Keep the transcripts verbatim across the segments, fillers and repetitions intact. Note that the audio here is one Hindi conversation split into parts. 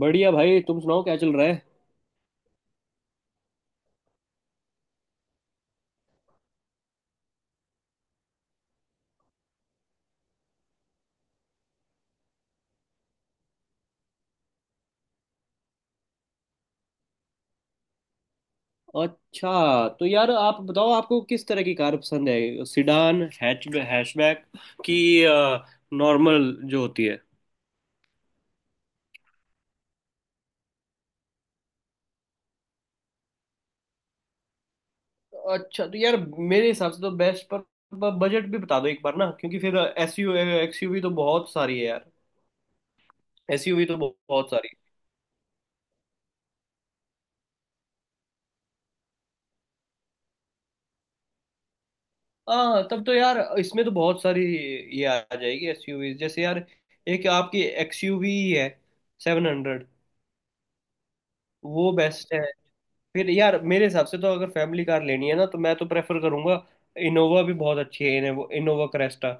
बढ़िया भाई, तुम सुनाओ क्या चल रहा है। अच्छा तो यार, आप बताओ आपको किस तरह की कार पसंद है, सिडान, हैच हैचबैक की नॉर्मल जो होती है। अच्छा तो यार मेरे हिसाब से तो बेस्ट पर पर बजट भी बता दो एक बार ना, क्योंकि फिर एसयू एक्सयूवी तो बहुत सारी है यार। एसयूवी तो बहुत बहुत सारी है। हाँ, तब तो यार इसमें तो बहुत सारी ये आ जाएगी एसयूवी। जैसे यार एक आपकी एक्सयूवी है सेवन हंड्रेड, वो बेस्ट है। फिर यार मेरे हिसाब से तो अगर फैमिली कार लेनी है ना, तो मैं तो प्रेफर करूंगा इनोवा भी बहुत अच्छी है, इनोवा इनोवा क्रेस्टा।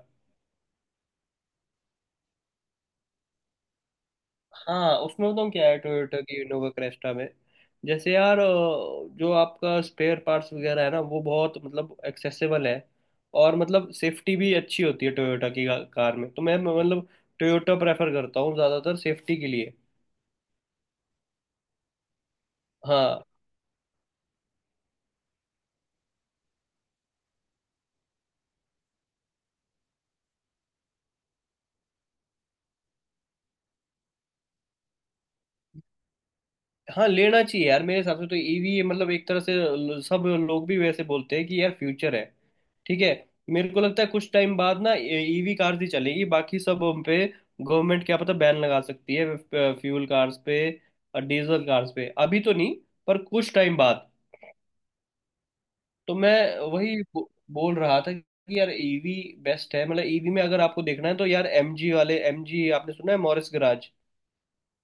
हाँ, उसमें बताऊँ क्या है, टोयोटा की इनोवा क्रेस्टा में जैसे यार अ, जो आपका स्पेयर पार्ट्स वगैरह है ना वो बहुत मतलब एक्सेसिबल है। और मतलब सेफ्टी भी अच्छी होती है टोयोटा की कार में। तो मैं मैं मतलब टोयोटा प्रेफर करता हूँ ज़्यादातर सेफ्टी के लिए। हाँ, हाँ, लेना चाहिए यार, मेरे हिसाब से तो ईवी मतलब एक तरह से ल- सब लोग भी वैसे बोलते हैं कि यार फ्यूचर है। ठीक है। मेरे को लगता है कुछ टाइम बाद ना ईवी कार्स ही चलेगी, बाकी सब उन पे गवर्नमेंट क्या पता बैन लगा सकती है, फ्यूल कार्स पे और डीजल कार्स पे। अभी तो नहीं, पर कुछ टाइम बाद। तो मैं वही बो, बोल रहा था कि यार ईवी बेस्ट है। मतलब ईवी में अगर आपको देखना है तो यार एमजी वाले, एमजी आपने सुना है, मॉरिस गराज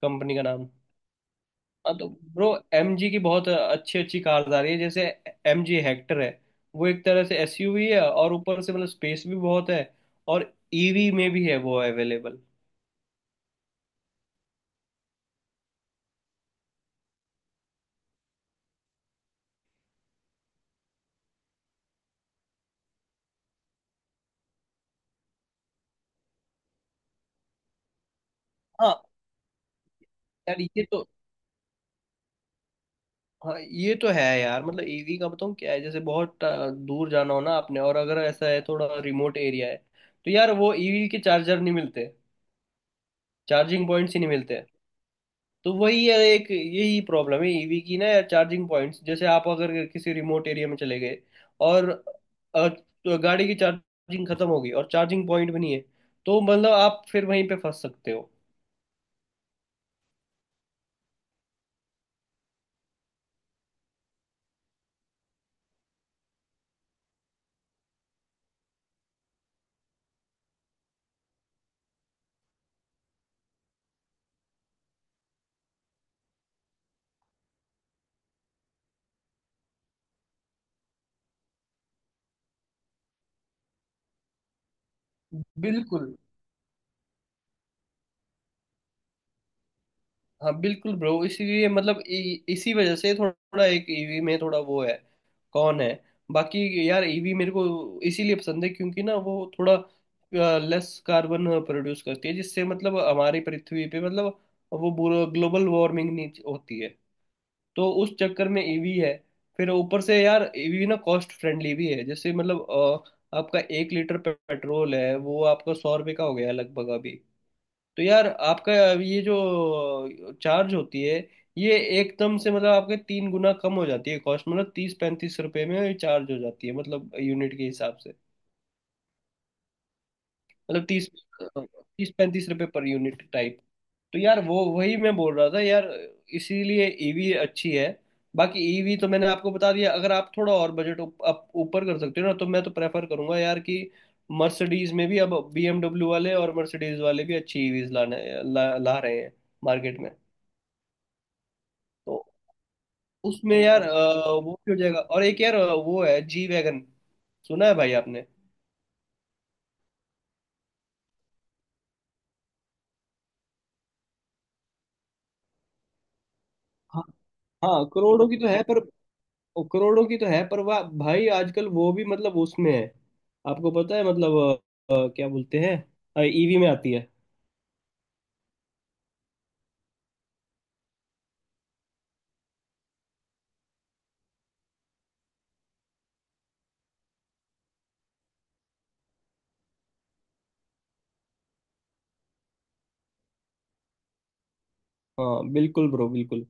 कंपनी का नाम। हाँ, तो ब्रो एमजी की बहुत अच्छी अच्छी कार्स आ रही है। जैसे एमजी हेक्टर है, वो एक तरह से एसयूवी है और ऊपर से मतलब स्पेस भी बहुत है। और ईवी में भी है वो अवेलेबल। हाँ यार, ये तो। हाँ, ये तो है यार, मतलब ईवी का बताऊँ क्या है, जैसे बहुत अ, दूर जाना हो ना आपने, और अगर ऐसा है थोड़ा रिमोट एरिया है, तो यार वो ईवी के चार्जर नहीं मिलते, चार्जिंग पॉइंट्स ही नहीं मिलते। तो वही है, एक यही प्रॉब्लम है ईवी की ना यार, चार्जिंग पॉइंट्स, जैसे आप अगर किसी रिमोट एरिया में चले गए और अ, तो गाड़ी की चार्जिंग खत्म हो गई और चार्जिंग पॉइंट भी नहीं है, तो मतलब आप फिर वहीं पे फंस सकते हो। बिल्कुल। हाँ बिल्कुल ब्रो, इसीलिए मतलब इ, इसी वजह से थोड़ा एक ईवी में थोड़ा वो है। कौन है। बाकी यार ईवी मेरे को इसीलिए पसंद है क्योंकि ना वो थोड़ा लेस कार्बन प्रोड्यूस करती है, जिससे मतलब हमारी पृथ्वी पे मतलब वो बुरा ग्लोबल वार्मिंग नहीं होती है। तो उस चक्कर में ईवी है। फिर ऊपर से यार ईवी ना कॉस्ट फ्रेंडली भी है, जैसे मतलब अ, आपका एक लीटर पे- पेट्रोल है वो आपका सौ रुपये का हो गया लगभग अभी। तो यार आपका ये जो चार्ज होती है, ये एकदम से मतलब आपके तीन गुना कम हो जाती है कॉस्ट, मतलब तीस पैंतीस रुपए में ये चार्ज हो जाती है मतलब यूनिट के हिसाब से। मतलब तीस तीस पैंतीस रुपए पर यूनिट टाइप। तो यार वो वही मैं बोल रहा था यार, इसीलिए ईवी अच्छी है। बाकी ईवी तो मैंने आपको बता दिया, अगर आप थोड़ा और बजट अप ऊपर कर सकते हो ना, तो मैं तो प्रेफर करूंगा यार कि मर्सिडीज में भी अब बीएमडब्ल्यू वाले और मर्सिडीज वाले भी अच्छी ईवीज लाने ला, ला रहे हैं मार्केट में। तो उसमें यार अ, वो भी हो जाएगा, और एक यार अ, वो है जी वैगन, सुना है भाई आपने। हाँ, हाँ, करोड़ों की तो है पर, करोड़ों की तो है पर वाह भाई आजकल वो भी मतलब उसमें है। आपको पता है मतलब अ, अ, क्या बोलते हैं, ईवी में आती है। हाँ बिल्कुल ब्रो, बिल्कुल।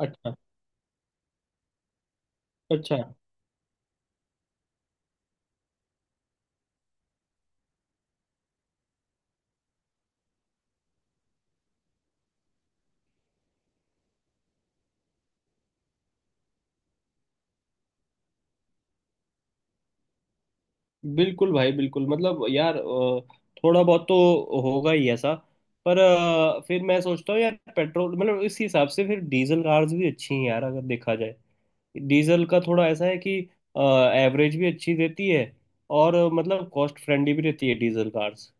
अच्छा, अच्छा। बिल्कुल भाई बिल्कुल, मतलब यार अ, थोड़ा बहुत तो होगा ही ऐसा। पर अ, फिर मैं सोचता हूँ यार पेट्रोल, मतलब इस हिसाब से फिर डीजल कार्स भी अच्छी हैं यार अगर देखा जाए। डीजल का थोड़ा ऐसा है कि एवरेज भी अच्छी देती है, और अ, मतलब कॉस्ट फ्रेंडली भी रहती है डीजल कार्स।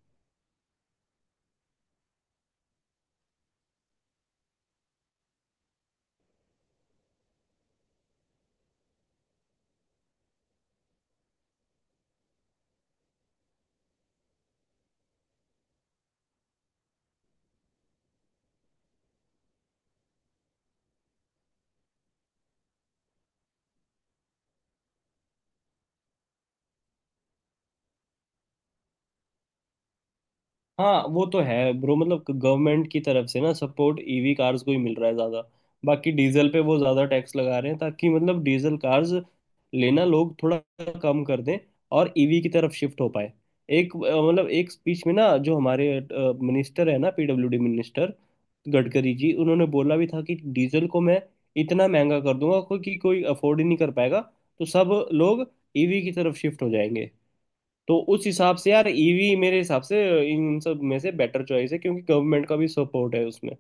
हाँ, वो तो है ब्रो, मतलब गवर्नमेंट की तरफ से ना सपोर्ट ईवी कार्स को ही मिल रहा है ज़्यादा। बाकी डीजल पे वो ज़्यादा टैक्स लगा रहे हैं, ताकि मतलब डीजल कार्स लेना लोग थोड़ा कम कर दें और ईवी की तरफ शिफ्ट हो पाए। एक अ, मतलब एक स्पीच में ना, जो हमारे मिनिस्टर है ना, पीडब्ल्यूडी मिनिस्टर गडकरी जी, उन्होंने बोला भी था कि डीजल को मैं इतना महंगा कर दूंगा, कोई कि कोई अफोर्ड ही नहीं कर पाएगा, तो सब लोग ईवी की तरफ शिफ्ट हो जाएंगे। तो उस हिसाब से यार ईवी मेरे हिसाब से इन सब में से बेटर चॉइस है, क्योंकि गवर्नमेंट का भी सपोर्ट है उसमें।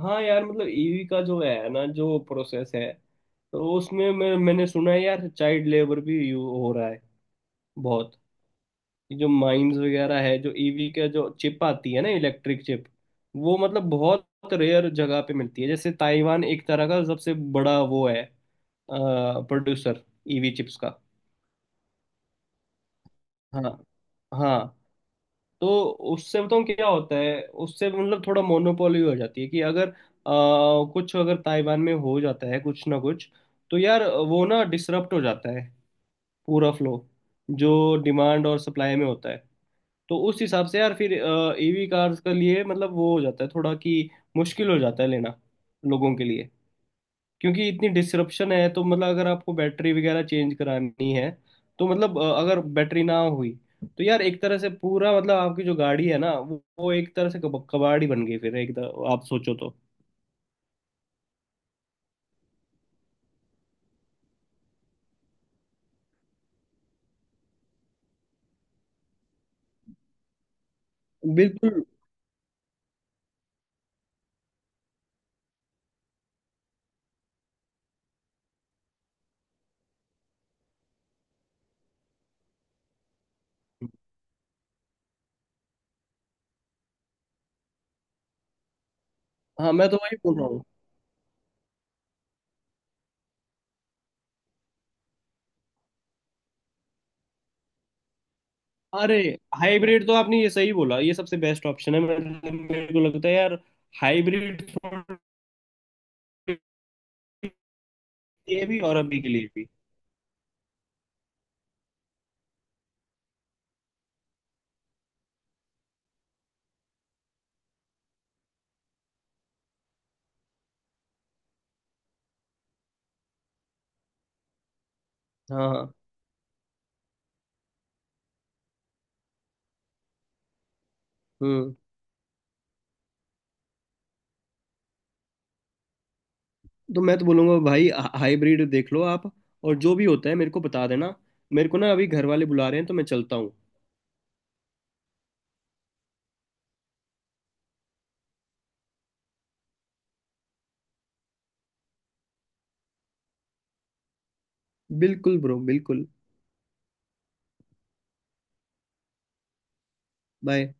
हाँ यार, मतलब ईवी का जो है ना, जो प्रोसेस है, तो उसमें मैं मैंने सुना है यार चाइल्ड लेबर भी यू हो रहा है बहुत, जो माइंस वगैरह है। जो ईवी का जो चिप आती है ना, इलेक्ट्रिक चिप, वो मतलब बहुत रेयर जगह पे मिलती है, जैसे ताइवान एक तरह का सबसे बड़ा वो है प्रोड्यूसर, ईवी चिप्स का। हाँ, हाँ। तो उससे बताऊँ क्या होता है, उससे मतलब थोड़ा मोनोपोली हो जाती है कि अगर आ, कुछ अगर ताइवान में हो जाता है कुछ ना कुछ, तो यार वो ना डिसरप्ट हो जाता है पूरा फ्लो जो डिमांड और सप्लाई में होता है। तो उस हिसाब से यार फिर ईवी कार्स के लिए मतलब वो हो जाता है थोड़ा कि मुश्किल हो जाता है लेना लोगों के लिए। क्योंकि इतनी डिसरप्शन है तो मतलब अगर आपको बैटरी वगैरह चेंज करानी है, तो मतलब अ, अगर बैटरी ना हुई, तो यार एक तरह से पूरा मतलब आपकी जो गाड़ी है ना वो, वो एक तरह से कब- कबाड़ ही बन गई फिर, एक तरह आप सोचो तो। बिल्कुल। हाँ, मैं तो वही बोल रहा हूँ। अरे, हाइब्रिड तो आपने ये सही बोला, ये सबसे बेस्ट ऑप्शन है, मेरे मेरे को लगता है यार, हाइब्रिड लिए भी और अभी के लिए भी। हाँ, हाँ, हम्म। तो मैं तो बोलूंगा भाई, हाइब्रिड देख लो आप, और जो भी होता है मेरे को बता देना। मेरे को ना अभी घर वाले बुला रहे हैं, तो मैं चलता हूँ। बिल्कुल ब्रो, बिल्कुल। बाय।